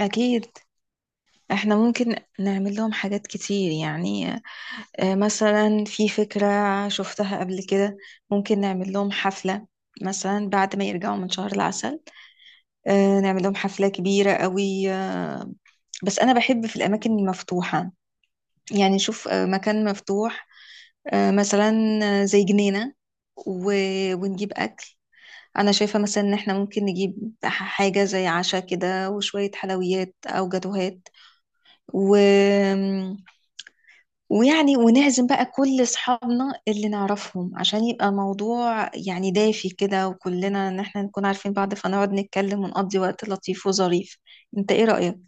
أكيد. إحنا ممكن نعمل لهم حاجات كتير يعني. مثلا في فكرة شفتها قبل كده. ممكن نعمل لهم حفلة مثلا بعد ما يرجعوا من شهر العسل. نعمل لهم حفلة كبيرة قوي. بس أنا بحب في الأماكن المفتوحة. يعني نشوف مكان مفتوح. مثلا زي جنينة. ونجيب أكل. أنا شايفة مثلا إن إحنا ممكن نجيب حاجة زي عشاء كده وشوية حلويات أو جاتوهات. و ويعني ونعزم بقى كل اصحابنا اللي نعرفهم عشان يبقى موضوع يعني دافي كده وكلنا ان احنا نكون عارفين بعض. فنقعد نتكلم ونقضي وقت لطيف وظريف. انت ايه رأيك؟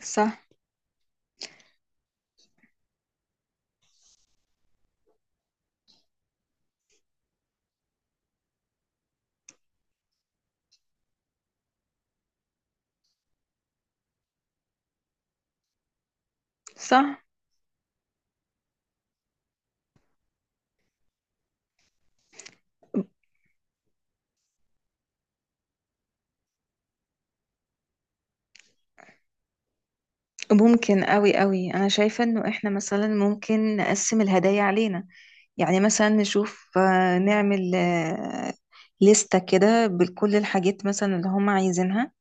صح. صح. ممكن قوي قوي. انا شايفة انه احنا مثلا ممكن نقسم الهدايا علينا. يعني مثلا نشوف نعمل لستة كده بكل الحاجات مثلا اللي هم عايزينها.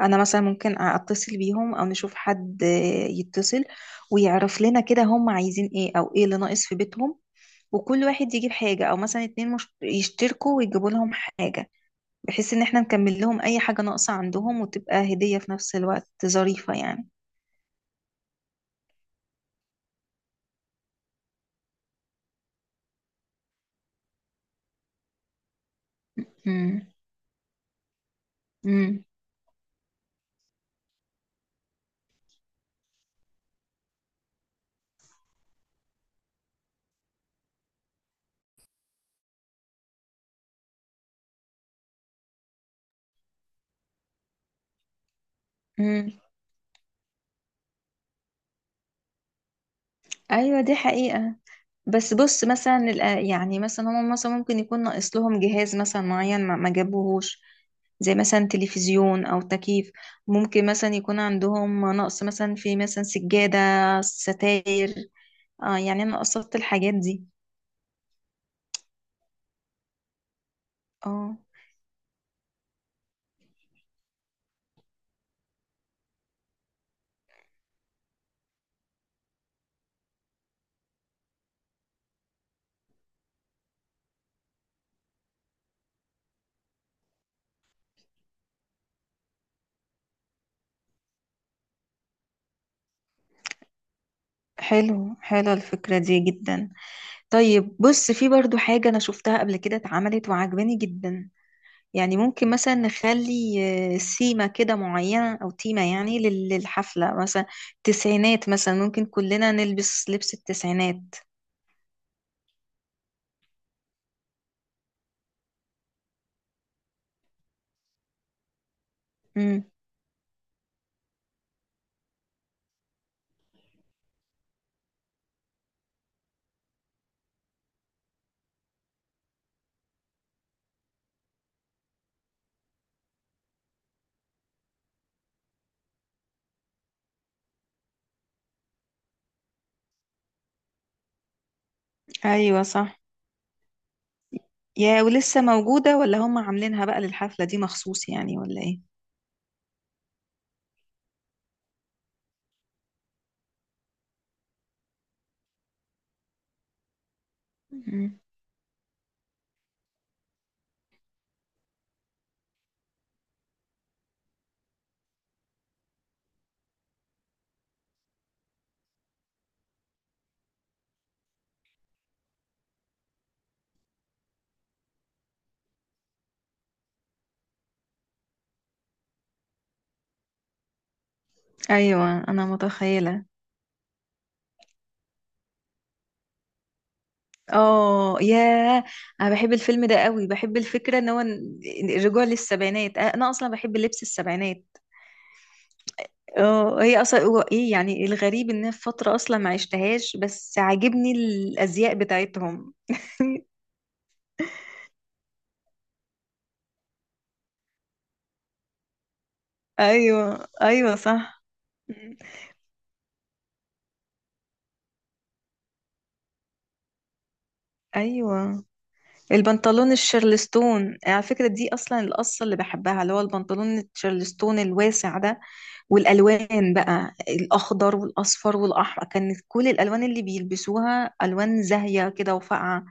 انا مثلا ممكن اتصل بيهم او نشوف حد يتصل ويعرف لنا كده هم عايزين ايه او ايه اللي ناقص في بيتهم. وكل واحد يجيب حاجة او مثلا اتنين يشتركوا ويجيبوا لهم حاجة. بحيث ان احنا نكمل لهم اي حاجة ناقصة عندهم وتبقى هدية في نفس الوقت ظريفة يعني. امم. امم. امم. ايوه دي حقيقة. بس بص مثلا يعني مثلا هم مثلا ممكن يكون ناقص لهم جهاز مثلا معين ما جابوهوش. زي مثلا تلفزيون او تكييف. ممكن مثلا يكون عندهم نقص مثلا في مثلا سجادة. ستاير. اه يعني انا قصدت الحاجات دي. اه. حلو حلو الفكرة دي جدا. طيب بص في برضو حاجة انا شفتها قبل كده اتعملت وعجباني جدا. يعني ممكن مثلا نخلي سيمة كده معينة أو تيمة يعني للحفلة مثلا. تسعينات مثلا ممكن كلنا نلبس لبس التسعينات. امم. أيوة صح. يا ولسه موجودة ولا هم عاملينها بقى للحفلة دي مخصوص يعني ولا ايه؟ مم. أيوة أنا متخيلة. اه يا. أنا بحب الفيلم ده قوي. بحب الفكرة ان هو الرجوع للسبعينات. أنا أصلا بحب لبس السبعينات. اه هي اصلا هو ايه يعني. الغريب ان أنا في فتره اصلا ما عشتهاش بس عاجبني الازياء بتاعتهم. ايوه ايوه صح. مم. ايوه. البنطلون الشارلستون على فكره دي اصلا القصه اللي بحبها اللي هو البنطلون الشارلستون الواسع ده. والالوان بقى الاخضر والاصفر والاحمر كانت كل الالوان اللي بيلبسوها الوان زاهيه كده وفاقعه.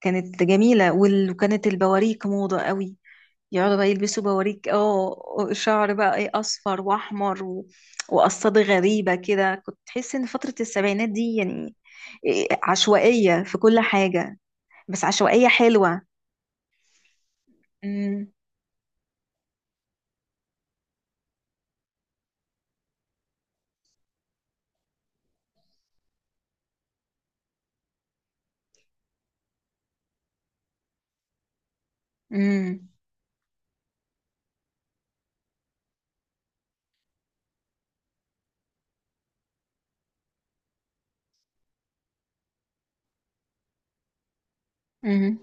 كانت جميله وكانت البواريك موضه قوي. يقعدوا بقى يلبسوا بوريك. اه شعر بقى ايه اصفر واحمر وقصات غريبه كده. كنت تحس ان فتره السبعينات دي يعني عشوائيه في كل حاجه. بس عشوائيه حلوه. امم. امم. امم.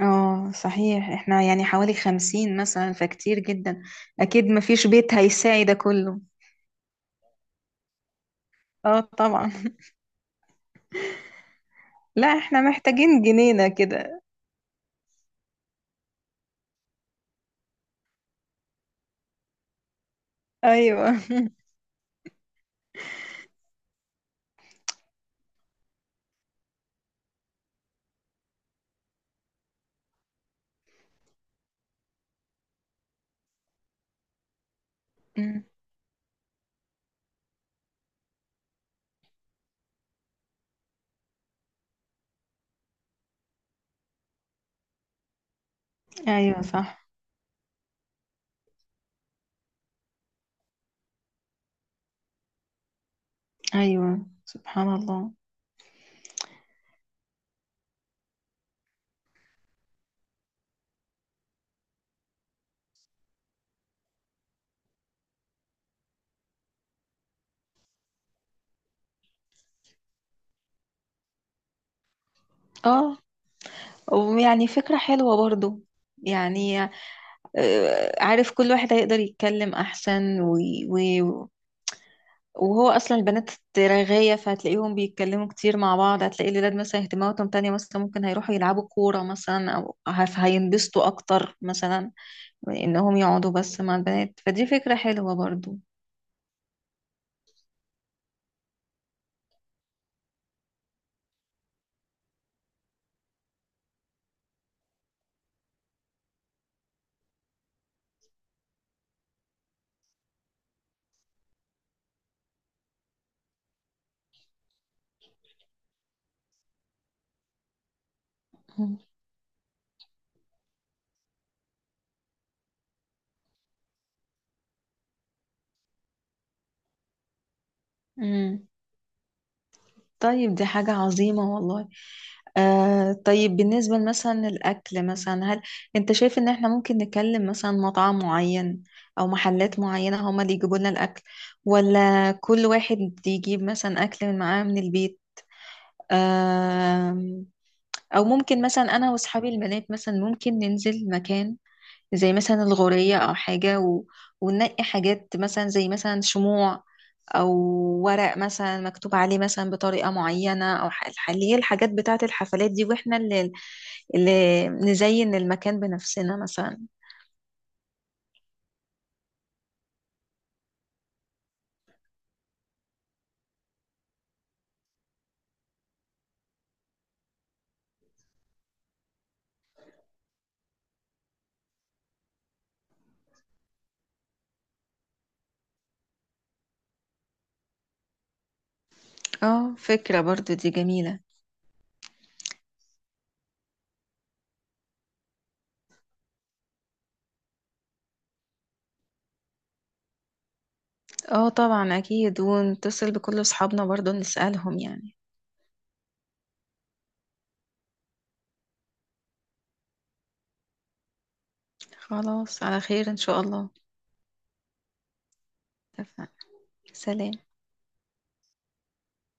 اه صحيح. احنا يعني حوالي 50 مثلا فكتير جدا. اكيد مفيش بيت هيساعي ده كله. اه طبعا. لا احنا محتاجين جنينه كده. ايوه. امم. ايوه صح. ايوه سبحان الله. اه ويعني فكرة حلوة برضو. يعني عارف كل واحد هيقدر يتكلم أحسن و... وهو أصلا البنات رغاية. فهتلاقيهم بيتكلموا كتير مع بعض. هتلاقي الولاد مثلا اهتماماتهم تانية. مثلا ممكن هيروحوا يلعبوا كورة مثلا أو هينبسطوا أكتر مثلا من إنهم يقعدوا بس مع البنات. فدي فكرة حلوة برضو. مم. طيب دي حاجة عظيمة والله. آه طيب بالنسبة مثلا الأكل مثلا. هل أنت شايف إن إحنا ممكن نكلم مثلا مطعم معين أو محلات معينة هما اللي يجيبوا لنا الأكل؟ ولا كل واحد يجيب مثلا أكل من معاه من البيت؟ آه. أو ممكن مثلا أنا وأصحابي البنات مثلا ممكن ننزل مكان زي مثلا الغورية أو حاجة وننقي حاجات مثلا زي مثلا شموع أو ورق مثلا مكتوب عليه مثلا بطريقة معينة أو اللي هي الحاجات بتاعة الحفلات دي. وإحنا اللي نزين المكان بنفسنا مثلا. اه فكرة برضو دي جميلة. اه طبعا أكيد. ونتصل بكل أصحابنا برضو نسألهم يعني. خلاص على خير إن شاء الله. اتفقنا. سلام.